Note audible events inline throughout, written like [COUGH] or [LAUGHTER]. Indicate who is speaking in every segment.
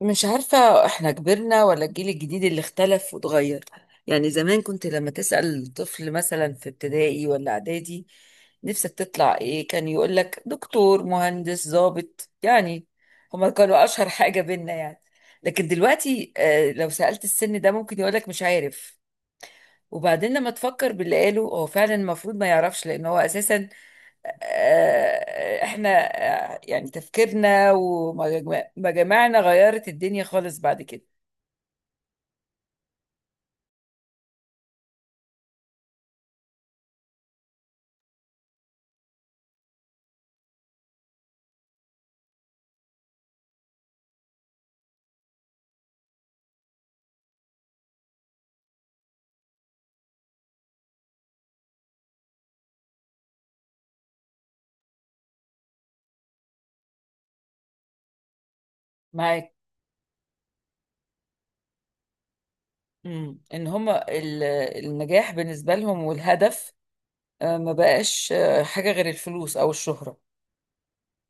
Speaker 1: مش عارفة احنا كبرنا ولا الجيل الجديد اللي اختلف واتغير. يعني زمان كنت لما تسأل طفل مثلا في ابتدائي ولا اعدادي نفسك تطلع ايه، كان يقول لك دكتور مهندس ضابط، يعني هما كانوا اشهر حاجة بينا يعني. لكن دلوقتي لو سألت السن ده ممكن يقول لك مش عارف. وبعدين لما تفكر باللي قاله هو فعلا المفروض ما يعرفش، لان هو اساسا احنا يعني تفكيرنا ومجامعنا غيرت الدنيا خالص بعد كده. معاك. مم. ان هم النجاح بالنسبة لهم والهدف ما بقاش حاجة غير الفلوس او الشهرة.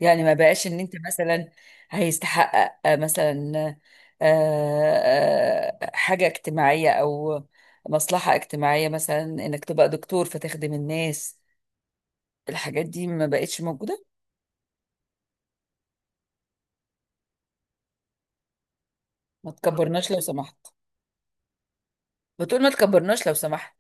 Speaker 1: يعني ما بقاش ان انت مثلا هيستحقق مثلا آه، حاجة اجتماعية او مصلحة اجتماعية، مثلا انك تبقى دكتور فتخدم الناس. الحاجات دي ما بقتش موجودة. ما تكبرناش لو سمحت. بتقول ما تكبرناش لو سمحت.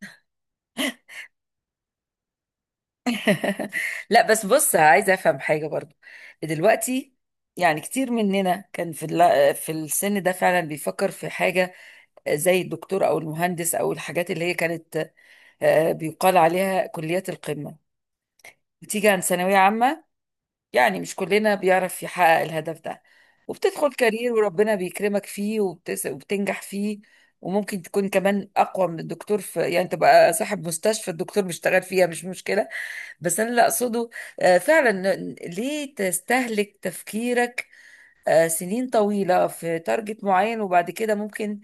Speaker 1: [LAUGHS] لا بس بص، عايزه افهم حاجه برضو دلوقتي. يعني كتير مننا كان في في السن ده فعلا بيفكر في حاجه زي الدكتور او المهندس، او الحاجات اللي هي كانت بيقال عليها كليات القمه، بتيجي عن ثانويه عامه. يعني مش كلنا بيعرف يحقق الهدف ده، وبتدخل كارير وربنا بيكرمك فيه وبتنجح فيه. وممكن تكون كمان أقوى من الدكتور، في يعني تبقى صاحب مستشفى الدكتور بيشتغل فيها، مش مشكلة. بس أنا اللي أقصده فعلا، ليه تستهلك تفكيرك سنين طويلة في تارجت معين وبعد كده ممكن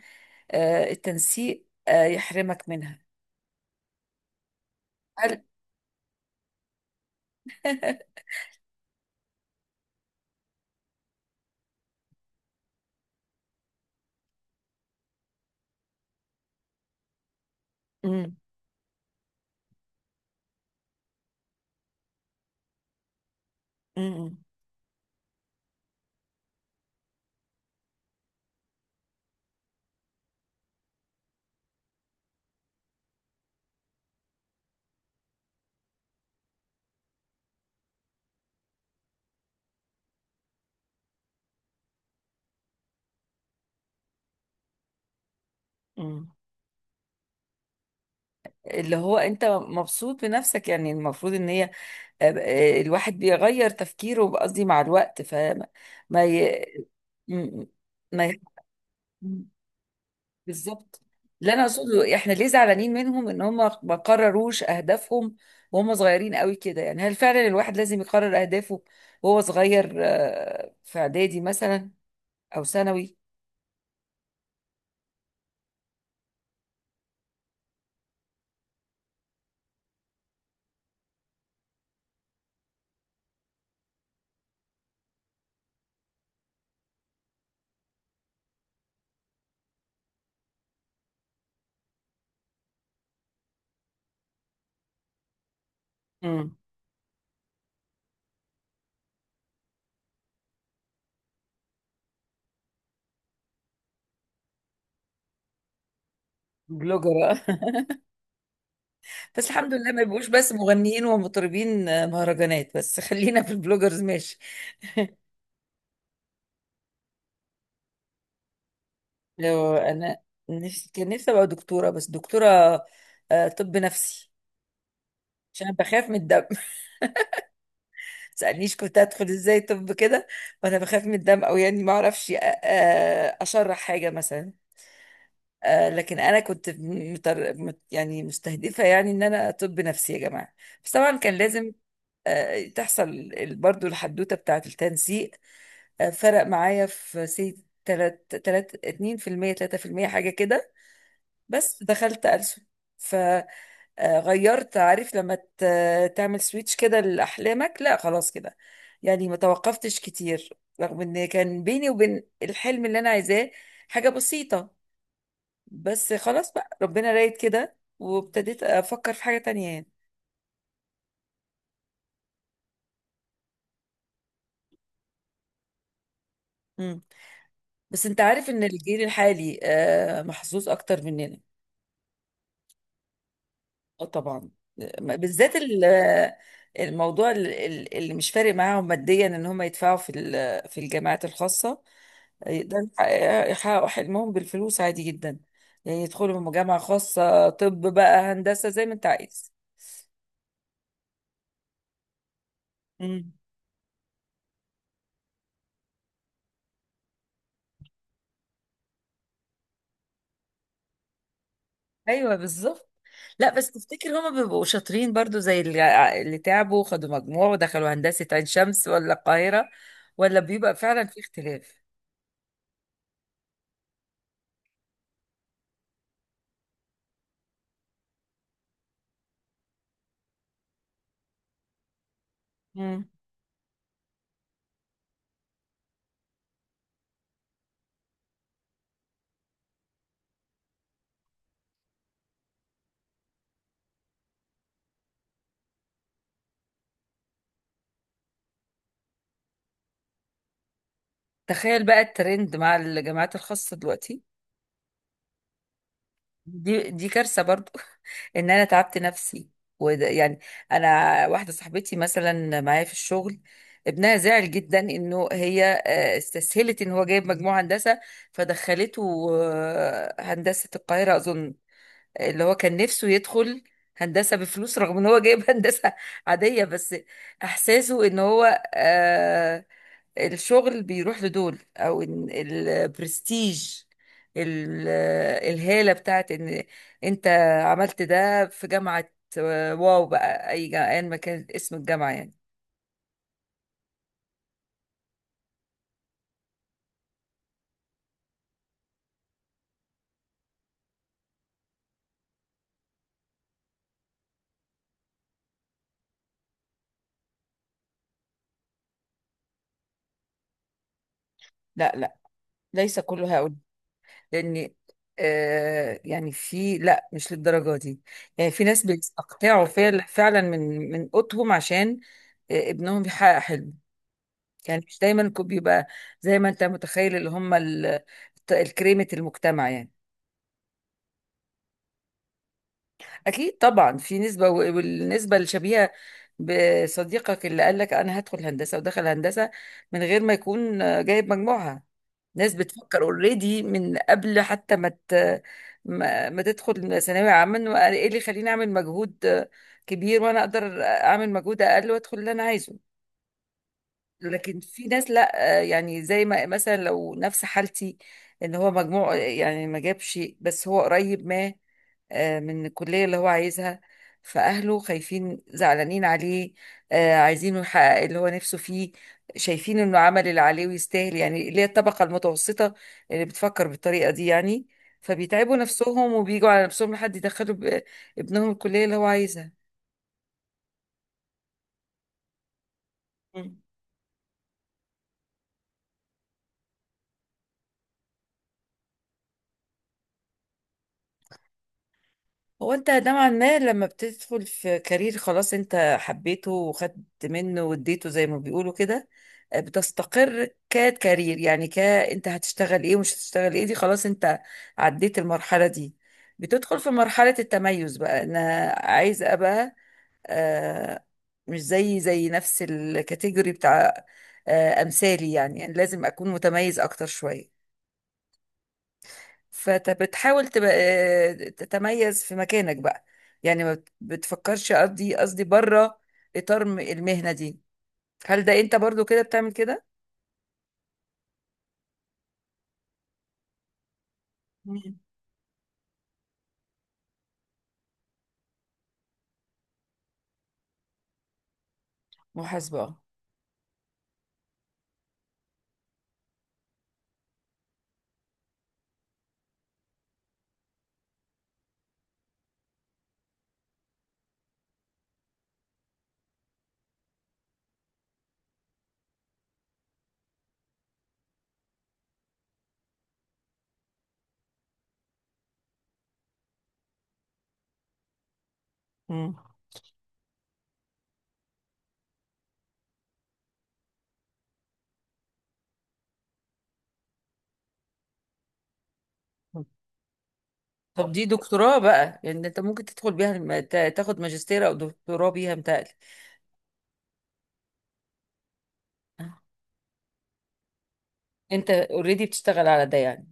Speaker 1: التنسيق يحرمك منها؟ هل مم. مم. مم. اللي هو انت مبسوط بنفسك؟ يعني المفروض ان هي آه، الواحد بيغير تفكيره، قصدي مع الوقت، فما ما ي... م- ما ي... بالظبط [LAUGHS] اللي انا اقصده، احنا ليه زعلانين منهم ان هم ما قرروش اهدافهم وهم صغيرين قوي كده؟ يعني هل فعلا الواحد لازم يقرر اهدافه وهو صغير في اعدادي مثلا او ثانوي؟ امم. بلوجر، آه. [LAUGHS] بس الحمد لله ما يبقوش بس مغنيين ومطربين مهرجانات، بس خلينا في البلوجرز ماشي. لو انا نفسي، كان نفسي ابقى دكتوره، بس دكتوره طب نفسي. عشان أنا بخاف من الدم. [LAUGHS] ما تسالنيش كنت هدخل ازاي طب كده وانا بخاف من الدم، او يعني ما اعرفش اشرح حاجه مثلا. لكن انا كنت يعني مستهدفه، يعني ان انا طب نفسي يا جماعه. بس طبعا كان لازم تحصل برضو الحدوته بتاعه التنسيق. فرق معايا في سي تلات اتنين في المية تلاتة في المية حاجة كده. بس دخلت ألسن. غيرت، عارف لما تعمل سويتش كده لأحلامك، لا خلاص كده. يعني ما توقفتش كتير رغم ان كان بيني وبين الحلم اللي انا عايزاه حاجة بسيطة، بس خلاص بقى ربنا رايد كده وابتديت افكر في حاجة تانية يعني. مم. بس انت عارف ان الجيل الحالي محظوظ اكتر مننا. اه طبعا. بالذات الموضوع اللي مش فارق معاهم ماديا ان هم يدفعوا في في الجامعات الخاصه، يقدروا يحققوا حلمهم بالفلوس عادي جدا. يعني يدخلوا من جامعه خاصه طب بقى هندسه زي ما انت عايز. مم. ايوه بالظبط. لا بس تفتكر هما بيبقوا شاطرين برضو زي اللي تعبوا وخدوا مجموع ودخلوا هندسة عين شمس ولا القاهرة، ولا بيبقى فعلا في اختلاف؟ مم. تخيل بقى الترند مع الجامعات الخاصة دلوقتي، دي كارثة برضو. [LAUGHS] ان انا تعبت نفسي، وده يعني، انا واحدة صاحبتي مثلا معايا في الشغل ابنها زعل جدا انه هي استسهلت ان هو جايب مجموع هندسة فدخلته هندسة القاهرة اظن. اللي هو كان نفسه يدخل هندسة بفلوس رغم ان هو جايب [LAUGHS] هندسة عادية. بس احساسه ان هو الشغل بيروح لدول، او إن البرستيج ال- الهالة بتاعت ان انت عملت ده في جامعة، واو بقى، اي جامعة ايا ما كان اسم الجامعة يعني. لا، ليس كل هؤلاء، لان يعني في، لا مش للدرجة دي. يعني في ناس بيستقطعوا فعلا من قوتهم عشان ابنهم يحقق حلمه. يعني مش دايما بيبقى زي ما انت متخيل اللي هم الكريمة المجتمع يعني. اكيد طبعا في نسبه، والنسبه الشبيهه بصديقك اللي قال لك انا هدخل هندسه ودخل هندسه من غير ما يكون جايب مجموعها. ناس بتفكر اوريدي من قبل حتى ما ت- ما ما تدخل ثانويه عامه، إنه ايه اللي يخليني اعمل مجهود كبير وانا اقدر اعمل مجهود اقل وادخل اللي انا عايزه؟ لكن في ناس لا، يعني زي ما مثلا لو نفس حالتي ان هو مجموع يعني ما جابش بس هو قريب ما من الكلية اللي هو عايزها، فأهله خايفين زعلانين عليه عايزينه يحقق اللي هو نفسه فيه، شايفين إنه عمل اللي عليه ويستاهل، يعني اللي هي الطبقة المتوسطة اللي بتفكر بالطريقة دي يعني. فبيتعبوا نفسهم وبيجوا على نفسهم لحد يدخلوا ابنهم الكلية اللي هو عايزها. هو انت نوعا ما لما بتدخل في كارير خلاص، انت حبيته وخدت منه واديته زي ما بيقولوا كده، بتستقر ككارير. يعني ك انت هتشتغل ايه ومش هتشتغل ايه، دي خلاص انت عديت المرحلة دي، بتدخل في مرحلة التميز، بقى انا عايز ابقى آه مش زي نفس الكاتيجوري بتاع امثالي، يعني يعني لازم اكون متميز اكتر شوية. فانت بتحاول تبقى تتميز في مكانك بقى. يعني ما بت- بتفكرش، قصدي بره اطار المهنه دي. هل ده انت برضو كده بتعمل كده؟ مم. محاسبه، آه. مم. طب دي دكتوراه بقى، يعني انت ممكن تدخل بيها تاخد ماجستير او دكتوراه بيها متهيألي. انت اوريدي بتشتغل على ده يعني.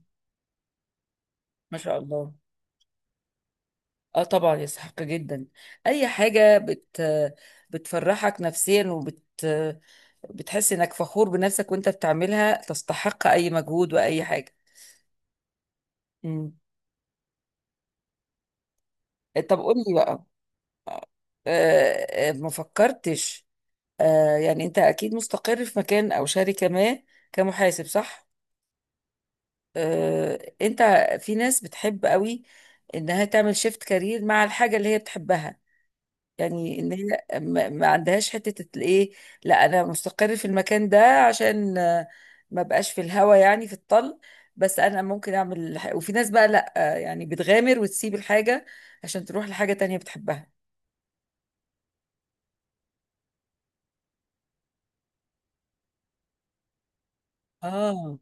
Speaker 1: ما شاء الله. اه طبعا يستحق جدا. اي حاجه بت بتفرحك نفسيا، بتحس انك فخور بنفسك وانت بتعملها، تستحق اي مجهود واي حاجه. مم. طب قول لي بقى ما فكرتش يعني، انت اكيد مستقر في مكان او شركه ما كمحاسب صح؟ انت، في ناس بتحب قوي انها تعمل شيفت كارير مع الحاجه اللي هي بتحبها. يعني ان هي ما عندهاش حته الايه، لا انا مستقر في المكان ده عشان ما بقاش في الهوا يعني في الطل، بس انا ممكن اعمل وفي ناس بقى لا، يعني بتغامر وتسيب الحاجه عشان تروح لحاجه تانية بتحبها. اه.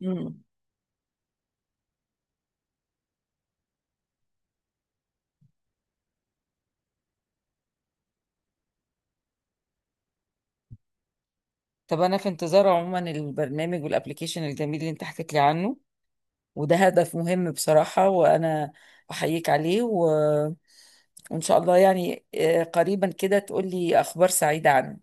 Speaker 1: مم. طب انا في انتظار عموما البرنامج والابليكيشن الجميل اللي انت حكيت لي عنه، وده هدف مهم بصراحه، وانا احييك عليه، وان شاء الله يعني قريبا كده تقول لي اخبار سعيده عنه.